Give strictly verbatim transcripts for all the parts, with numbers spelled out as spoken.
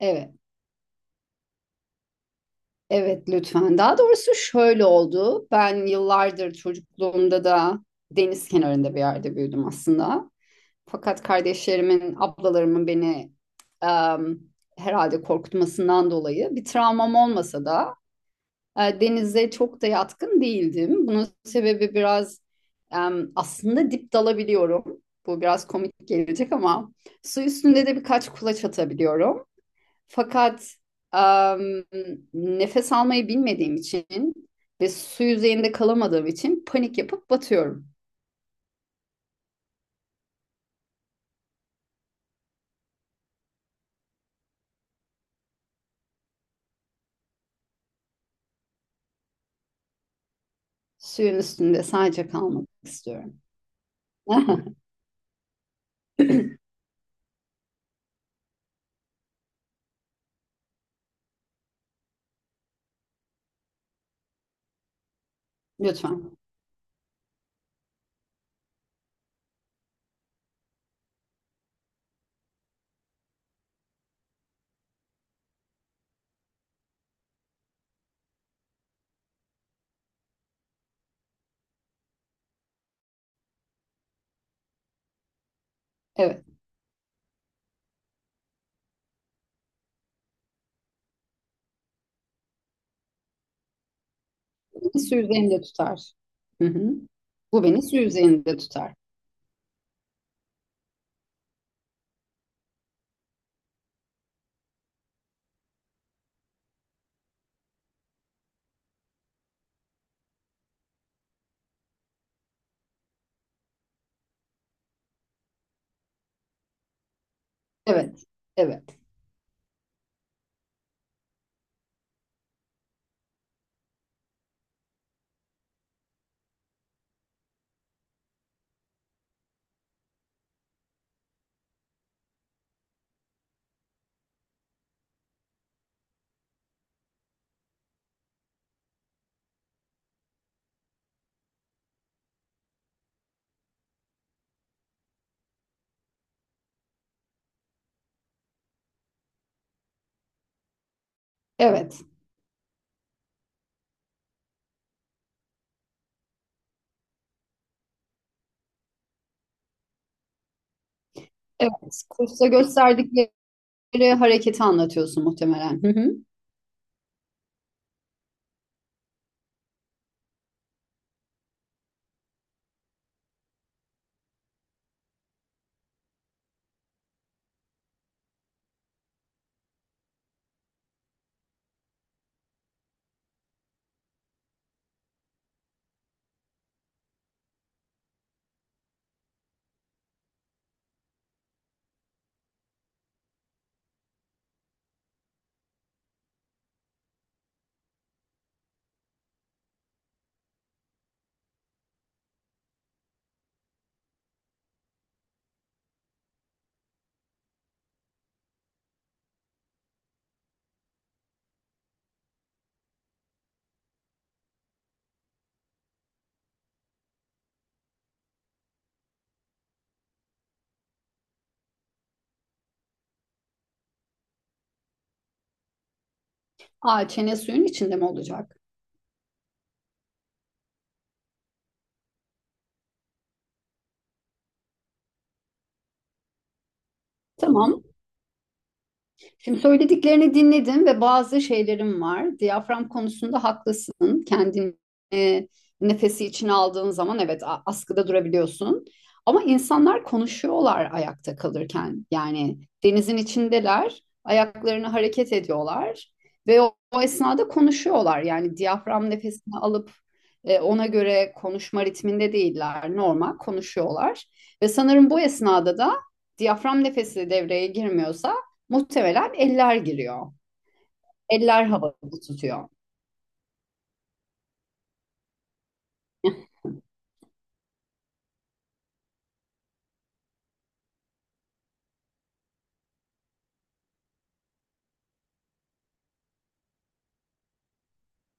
Evet, evet lütfen. Daha doğrusu şöyle oldu. Ben yıllardır çocukluğumda da deniz kenarında bir yerde büyüdüm aslında. Fakat kardeşlerimin, ablalarımın beni em, herhalde korkutmasından dolayı bir travmam olmasa da e, denize çok da yatkın değildim. Bunun sebebi biraz em, aslında dip dalabiliyorum. Bu biraz komik gelecek ama su üstünde de birkaç kulaç atabiliyorum. Fakat em, nefes almayı bilmediğim için ve su yüzeyinde kalamadığım için panik yapıp batıyorum. Suyun üstünde sadece kalmak istiyorum. Lütfen. Evet. Beni su yüzeyinde tutar. Hı hı. Bu beni su yüzeyinde tutar. Evet. Evet. Evet. Evet. Kursta gösterdikleri hareketi anlatıyorsun muhtemelen. Hı hı. Aa, çene suyun içinde mi olacak? Tamam. Şimdi söylediklerini dinledim ve bazı şeylerim var. Diyafram konusunda haklısın. Kendini e, nefesi içine aldığın zaman evet a- askıda durabiliyorsun. Ama insanlar konuşuyorlar ayakta kalırken. Yani denizin içindeler, ayaklarını hareket ediyorlar ve o, o esnada konuşuyorlar. Yani diyafram nefesini alıp e, ona göre konuşma ritminde değiller. Normal konuşuyorlar. Ve sanırım bu esnada da diyafram nefesi devreye girmiyorsa muhtemelen eller giriyor. Eller havada tutuyor.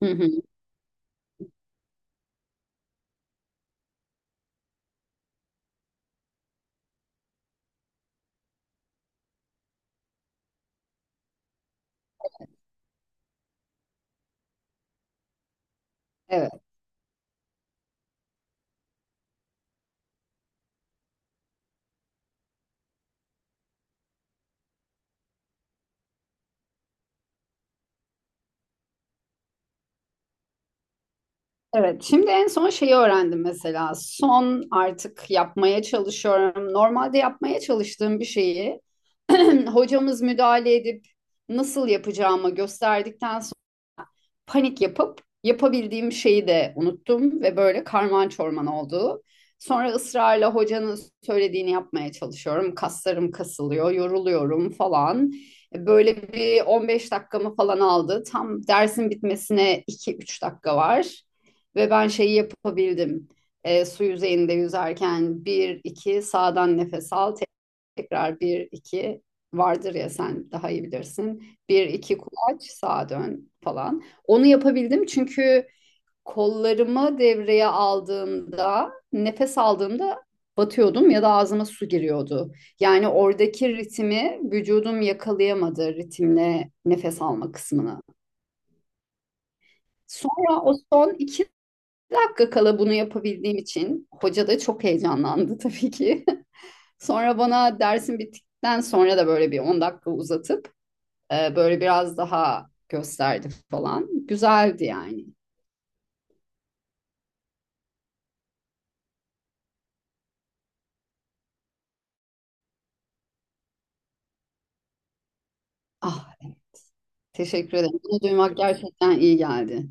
Hı hı. Evet, evet. Şimdi en son şeyi öğrendim mesela. Son artık yapmaya çalışıyorum. Normalde yapmaya çalıştığım bir şeyi hocamız müdahale edip nasıl yapacağımı gösterdikten panik yapıp yapabildiğim şeyi de unuttum ve böyle karman çorman oldu. Sonra ısrarla hocanın söylediğini yapmaya çalışıyorum. Kaslarım kasılıyor, yoruluyorum falan. E, Böyle bir on beş dakikamı falan aldı. Tam dersin bitmesine iki üç dakika var. Ve ben şeyi yapabildim. E, su yüzeyinde yüzerken bir iki sağdan nefes al, tekrar bir iki vardır ya sen daha iyi bilirsin. Bir iki kulaç sağa dön falan. Onu yapabildim çünkü kollarımı devreye aldığımda nefes aldığımda batıyordum ya da ağzıma su giriyordu. Yani oradaki ritmi vücudum yakalayamadı ritimle nefes alma kısmını. Sonra o son iki dakika kala bunu yapabildiğim için hoca da çok heyecanlandı tabii ki. Sonra bana dersin bittikten sonra da böyle bir on dakika uzatıp e, böyle biraz daha gösterdi falan. Güzeldi yani. Ah, teşekkür ederim. Bunu duymak gerçekten iyi geldi.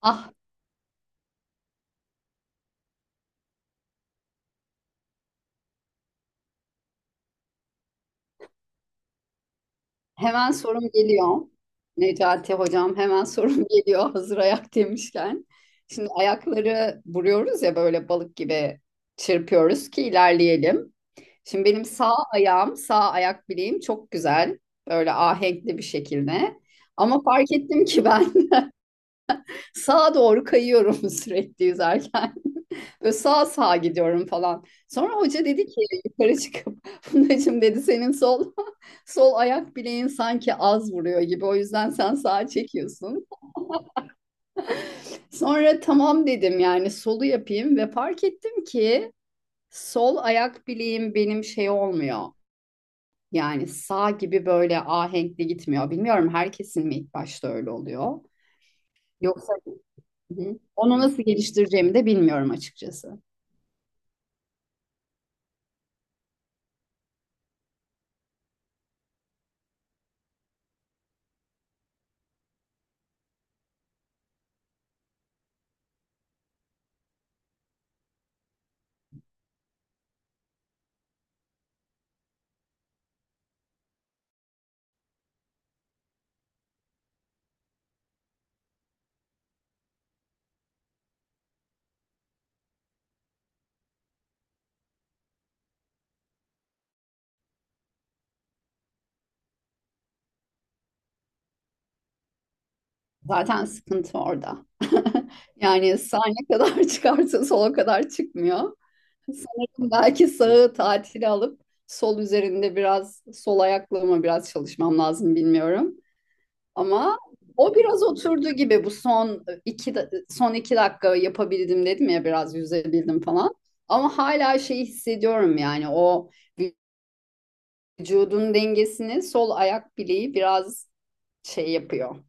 Ah, hemen sorum geliyor. Necati hocam hemen sorum geliyor hazır ayak demişken. Şimdi ayakları vuruyoruz ya böyle balık gibi çırpıyoruz ki ilerleyelim. Şimdi benim sağ ayağım, sağ ayak bileğim çok güzel. Böyle ahenkli bir şekilde. Ama fark ettim ki ben sağa doğru kayıyorum sürekli yüzerken. Böyle sağa sağa gidiyorum falan. Sonra hoca dedi ki yukarı çıkıp Fundacığım dedi senin sol sol ayak bileğin sanki az vuruyor gibi o yüzden sen sağa çekiyorsun. Sonra tamam dedim yani solu yapayım ve fark ettim ki sol ayak bileğim benim şey olmuyor. Yani sağ gibi böyle ahenkli gitmiyor. Bilmiyorum herkesin mi ilk başta öyle oluyor. Yoksa hı hı, onu nasıl geliştireceğimi de bilmiyorum açıkçası. Zaten sıkıntı orada. Yani sağ ne kadar çıkarsa sol sola kadar çıkmıyor. Sanırım belki sağı tatile alıp sol üzerinde biraz sol ayaklığıma biraz çalışmam lazım bilmiyorum. Ama o biraz oturdu gibi bu son iki, da- son iki dakika yapabildim dedim ya biraz yüzebildim falan. Ama hala şeyi hissediyorum yani o vücudun dengesini sol ayak bileği biraz şey yapıyor,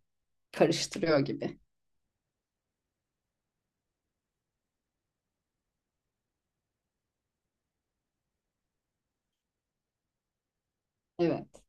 karıştırıyor gibi. Evet.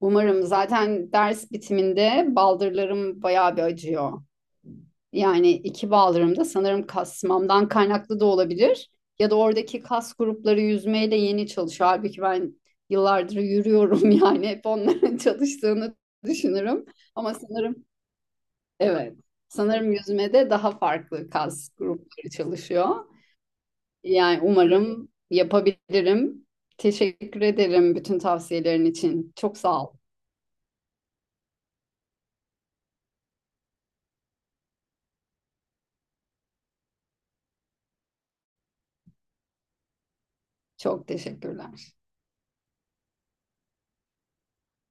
Umarım zaten ders bitiminde baldırlarım bayağı bir acıyor. Yani iki baldırım da sanırım kasmamdan kaynaklı da olabilir. Ya da oradaki kas grupları yüzmeyle yeni çalışıyor. Halbuki ben yıllardır yürüyorum yani hep onların çalıştığını düşünürüm. Ama sanırım evet sanırım yüzmede daha farklı kas grupları çalışıyor. Yani umarım yapabilirim. Teşekkür ederim bütün tavsiyelerin için. Çok sağ ol. Çok teşekkürler.